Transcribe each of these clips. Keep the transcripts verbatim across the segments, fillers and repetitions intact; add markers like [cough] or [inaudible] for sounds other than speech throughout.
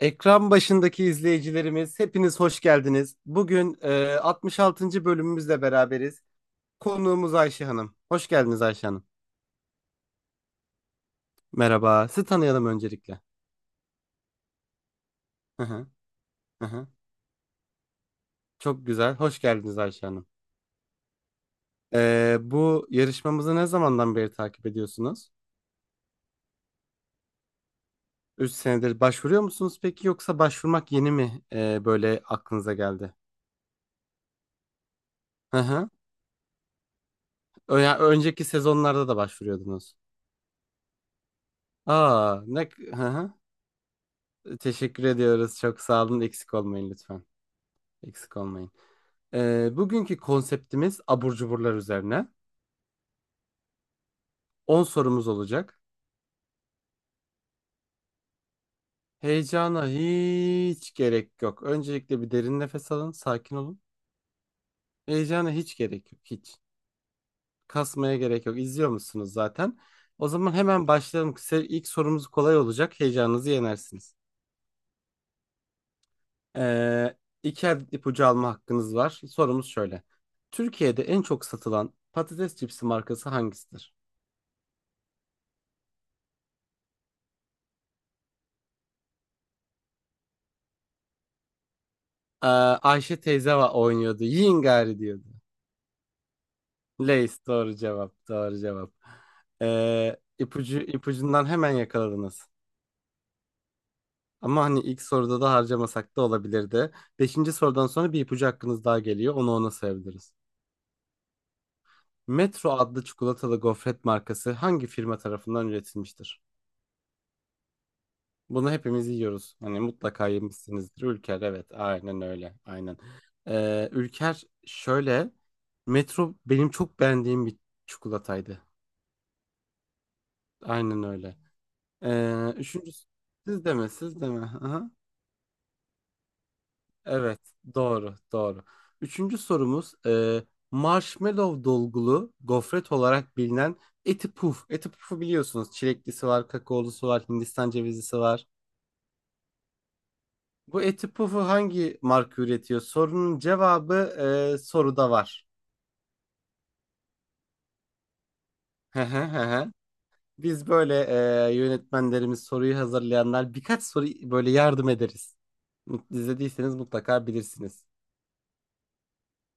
Ekran başındaki izleyicilerimiz hepiniz hoş geldiniz. Bugün e, altmış altıncı bölümümüzle beraberiz. Konuğumuz Ayşe Hanım. Hoş geldiniz Ayşe Hanım. Merhaba. Sizi tanıyalım öncelikle. Hı hı, hı hı. Çok güzel. Hoş geldiniz Ayşe Hanım. E, bu yarışmamızı ne zamandan beri takip ediyorsunuz? Üç senedir başvuruyor musunuz peki yoksa başvurmak yeni mi e, böyle aklınıza geldi? Hı hı. Ö- yani önceki sezonlarda da başvuruyordunuz. Aa ne hı hı. Teşekkür ediyoruz. Çok sağ olun. Eksik olmayın lütfen. Eksik olmayın. Ee, bugünkü konseptimiz abur cuburlar üzerine. On sorumuz olacak. Heyecana hiç gerek yok. Öncelikle bir derin nefes alın. Sakin olun. Heyecana hiç gerek yok. Hiç. Kasmaya gerek yok. İzliyor musunuz zaten? O zaman hemen başlayalım. Kısa- İlk sorumuz kolay olacak. Heyecanınızı yenersiniz. Ee, iki adet ipucu alma hakkınız var. Sorumuz şöyle. Türkiye'de en çok satılan patates cipsi markası hangisidir? Ee, Ayşe teyze va- oynuyordu. Yiyin gari diyordu. Lace doğru cevap. Doğru cevap. Ee, ipucu, ipucundan hemen yakaladınız. Ama hani ilk soruda da harcamasak da olabilirdi. Beşinci sorudan sonra bir ipucu hakkınız daha geliyor. Onu ona sayabiliriz. Metro adlı çikolatalı gofret markası hangi firma tarafından üretilmiştir? Bunu hepimiz yiyoruz. Hani mutlaka yemişsinizdir. Ülker evet aynen öyle. Aynen. Ee, Ülker şöyle. Metro benim çok beğendiğim bir çikolataydı. Aynen öyle. Ee, üçüncü siz deme siz deme. Aha. Evet doğru doğru. Üçüncü sorumuz e, marshmallow dolgulu gofret olarak bilinen Eti Puf. Eti Puf'u biliyorsunuz. Çileklisi var, kakaolusu var, Hindistan cevizlisi var. Bu Eti Puf'u hangi marka üretiyor? Sorunun cevabı e, soruda var. Hı hı hı hı. Biz böyle e, yönetmenlerimiz soruyu hazırlayanlar birkaç soru böyle yardım ederiz. İzlediyseniz mutlaka bilirsiniz.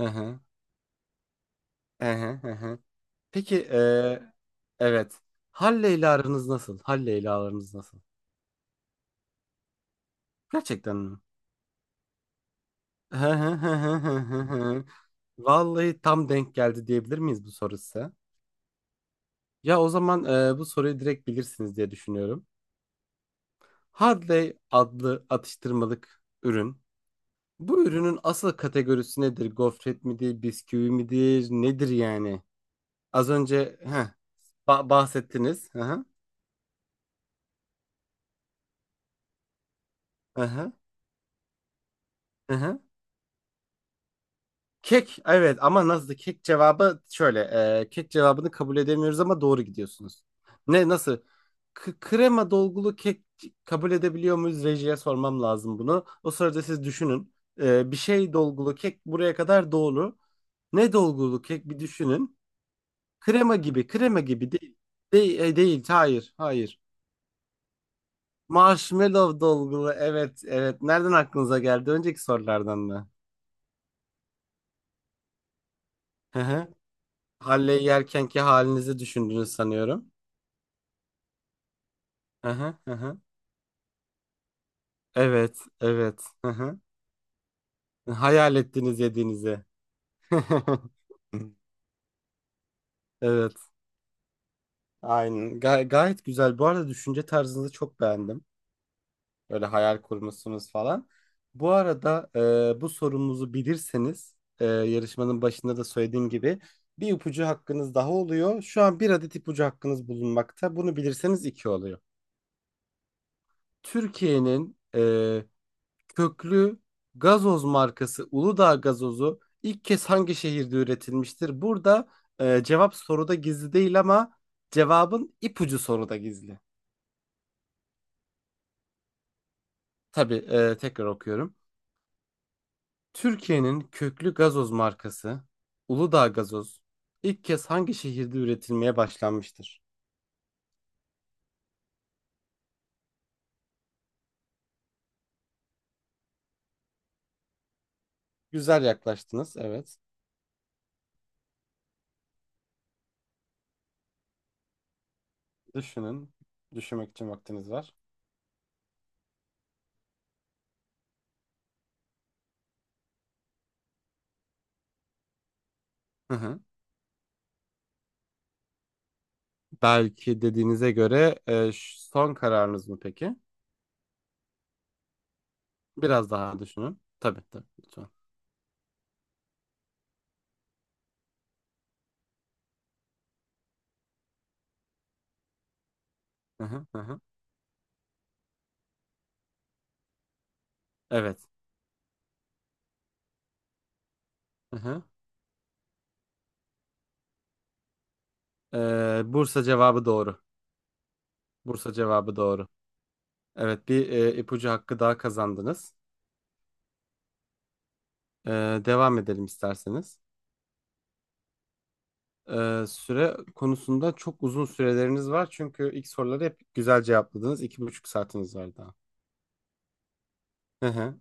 Hı hı. Hı hı hı hı. Peki eee, evet. Halle ile aranız nasıl? Halle ile aranız nasıl? Gerçekten mi? Hı hı hı hı hı hı hı. Vallahi tam denk geldi diyebilir miyiz bu sorusu? Ya o zaman eee, bu soruyu direkt bilirsiniz diye düşünüyorum. Harley adlı atıştırmalık ürün. Bu ürünün asıl kategorisi nedir? Gofret midir, bisküvi midir, nedir yani? Az önce heh, ba- bahsettiniz. Hı hı. Hı hı. Hı hı. Kek evet ama nasıl kek cevabı şöyle e, kek cevabını kabul edemiyoruz ama doğru gidiyorsunuz. Ne nasıl K- krema dolgulu kek kabul edebiliyor muyuz, rejiye sormam lazım bunu. O sırada siz düşünün. E, bir şey dolgulu kek buraya kadar doğru. Ne dolgulu kek bir düşünün. Krema gibi krema gibi değil. Değil, e, değil hayır hayır. Marshmallow dolgulu evet evet nereden aklınıza geldi, önceki sorulardan mı? Hı hı. Halley yerkenki halinizi düşündünüz sanıyorum. Aha, aha. Evet, evet. Aha. Hayal ettiniz yediğinizi. [laughs] Evet. Aynen. Ga- gayet güzel. Bu arada düşünce tarzınızı çok beğendim. Böyle hayal kurmuşsunuz falan. Bu arada e, bu sorumuzu bilirseniz e, yarışmanın başında da söylediğim gibi bir ipucu hakkınız daha oluyor. Şu an bir adet ipucu hakkınız bulunmakta. Bunu bilirseniz iki oluyor. Türkiye'nin köklü gazoz markası Uludağ gazozu ilk kez hangi şehirde üretilmiştir? Burada e, cevap soruda gizli değil ama cevabın ipucu soruda gizli. Tabii e, tekrar okuyorum. Türkiye'nin köklü gazoz markası Uludağ gazoz ilk kez hangi şehirde üretilmeye başlanmıştır? Güzel yaklaştınız, evet. Düşünün. Düşünmek için vaktiniz var. Hı hı. Belki dediğinize göre e, ş- son kararınız mı peki? Biraz daha düşünün. Tabii tabii lütfen. Hı hı, hı hı. Evet. Hı hı. Ee, Bursa cevabı doğru. Bursa cevabı doğru. Evet bir e, ipucu hakkı daha kazandınız. Ee, Devam edelim isterseniz. Ee, süre konusunda çok uzun süreleriniz var. Çünkü ilk soruları hep güzel cevapladınız. iki buçuk saatiniz var daha. Hı hı.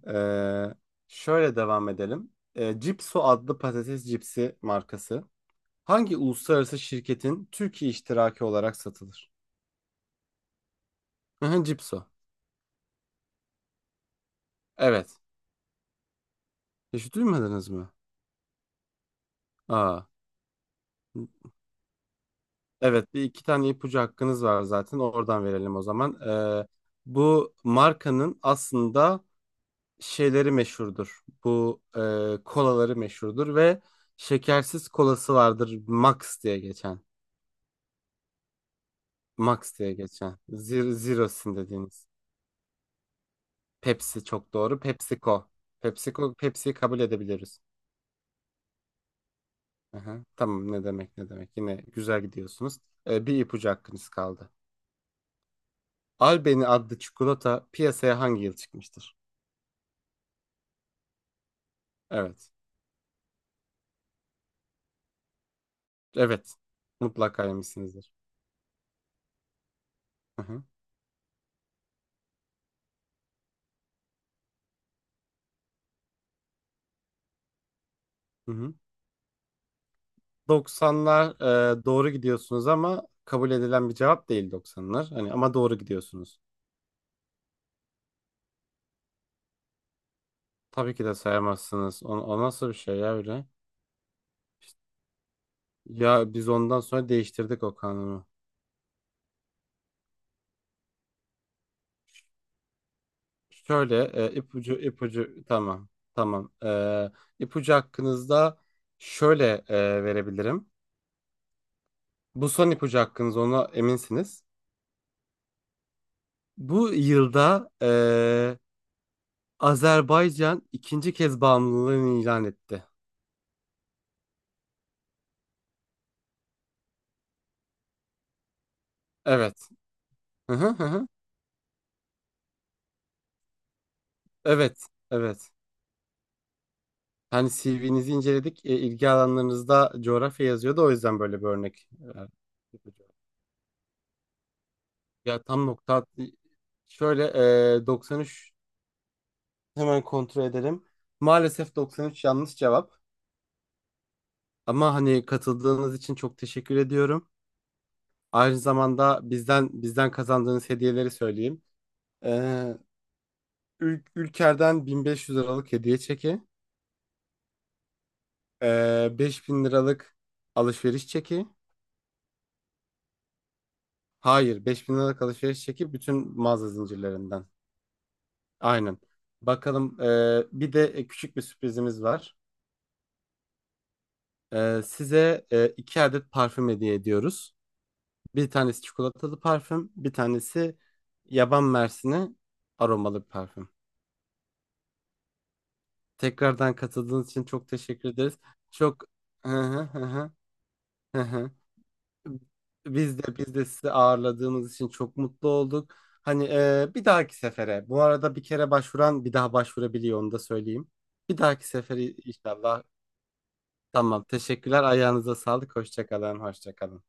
Ee, şöyle devam edelim. Ee, Cipso adlı patates cipsi markası hangi uluslararası şirketin Türkiye iştiraki olarak satılır? Hı hı, Cipso. Evet. Hiç duymadınız mı? Aa. Evet, bir iki tane ipucu hakkınız var zaten. Oradan verelim o zaman. Ee, bu markanın aslında şeyleri meşhurdur. Bu e, kolaları meşhurdur ve şekersiz kolası vardır. Max diye geçen. Max diye geçen. Zero, Zero'sin dediğiniz. Pepsi çok doğru. PepsiCo. PepsiCo, Pepsi'yi kabul edebiliriz. Aha, tamam, ne demek ne demek. Yine güzel gidiyorsunuz. Ee, bir ipucu hakkınız kaldı. Al Beni adlı çikolata piyasaya hangi yıl çıkmıştır? Evet. Evet. Mutlaka yemişsinizdir. Hı hı. Hı hı. doksanlar e, doğru gidiyorsunuz ama kabul edilen bir cevap değil doksanlar. Hani ama doğru gidiyorsunuz. Tabii ki de sayamazsınız. O, o nasıl bir şey ya öyle? Ya biz ondan sonra değiştirdik o kanunu. Şöyle e, ipucu ipucu tamam. Tamam. E, ipucu hakkınızda şöyle e, verebilirim. Bu son ipucu hakkınız, ona eminsiniz. Bu yılda eee, Azerbaycan ikinci kez bağımlılığını ilan etti. Evet. Hı hı hı. Hı. Evet. Evet. Hani C V'nizi inceledik. E, ilgi alanlarınızda coğrafya yazıyordu. O yüzden böyle bir örnek. e, Ya tam nokta. at- Şöyle e, doksan üç hemen kontrol edelim. Maalesef doksan üç yanlış cevap. Ama hani katıldığınız için çok teşekkür ediyorum. Aynı zamanda bizden bizden kazandığınız hediyeleri söyleyeyim. E, Ül- Ülker'den bin beş yüz liralık hediye çeki, ee, beş bin liralık alışveriş çeki. Hayır, beş bin liralık alışveriş çeki bütün mağaza zincirlerinden. Aynen. Bakalım, ee, bir de e, küçük bir sürprizimiz var. Ee, size e, iki adet parfüm hediye ediyoruz. Bir tanesi çikolatalı parfüm, bir tanesi yaban mersini aromalı bir parfüm. Tekrardan katıldığınız için çok teşekkür ederiz. Çok... [laughs] Biz de biz de sizi ağırladığımız için çok mutlu olduk. Hani e, bir dahaki sefere. Bu arada bir kere başvuran bir daha başvurabiliyor, onu da söyleyeyim. Bir dahaki sefere inşallah. Tamam. Teşekkürler. Ayağınıza sağlık. Hoşça kalın. Hoşça kalın.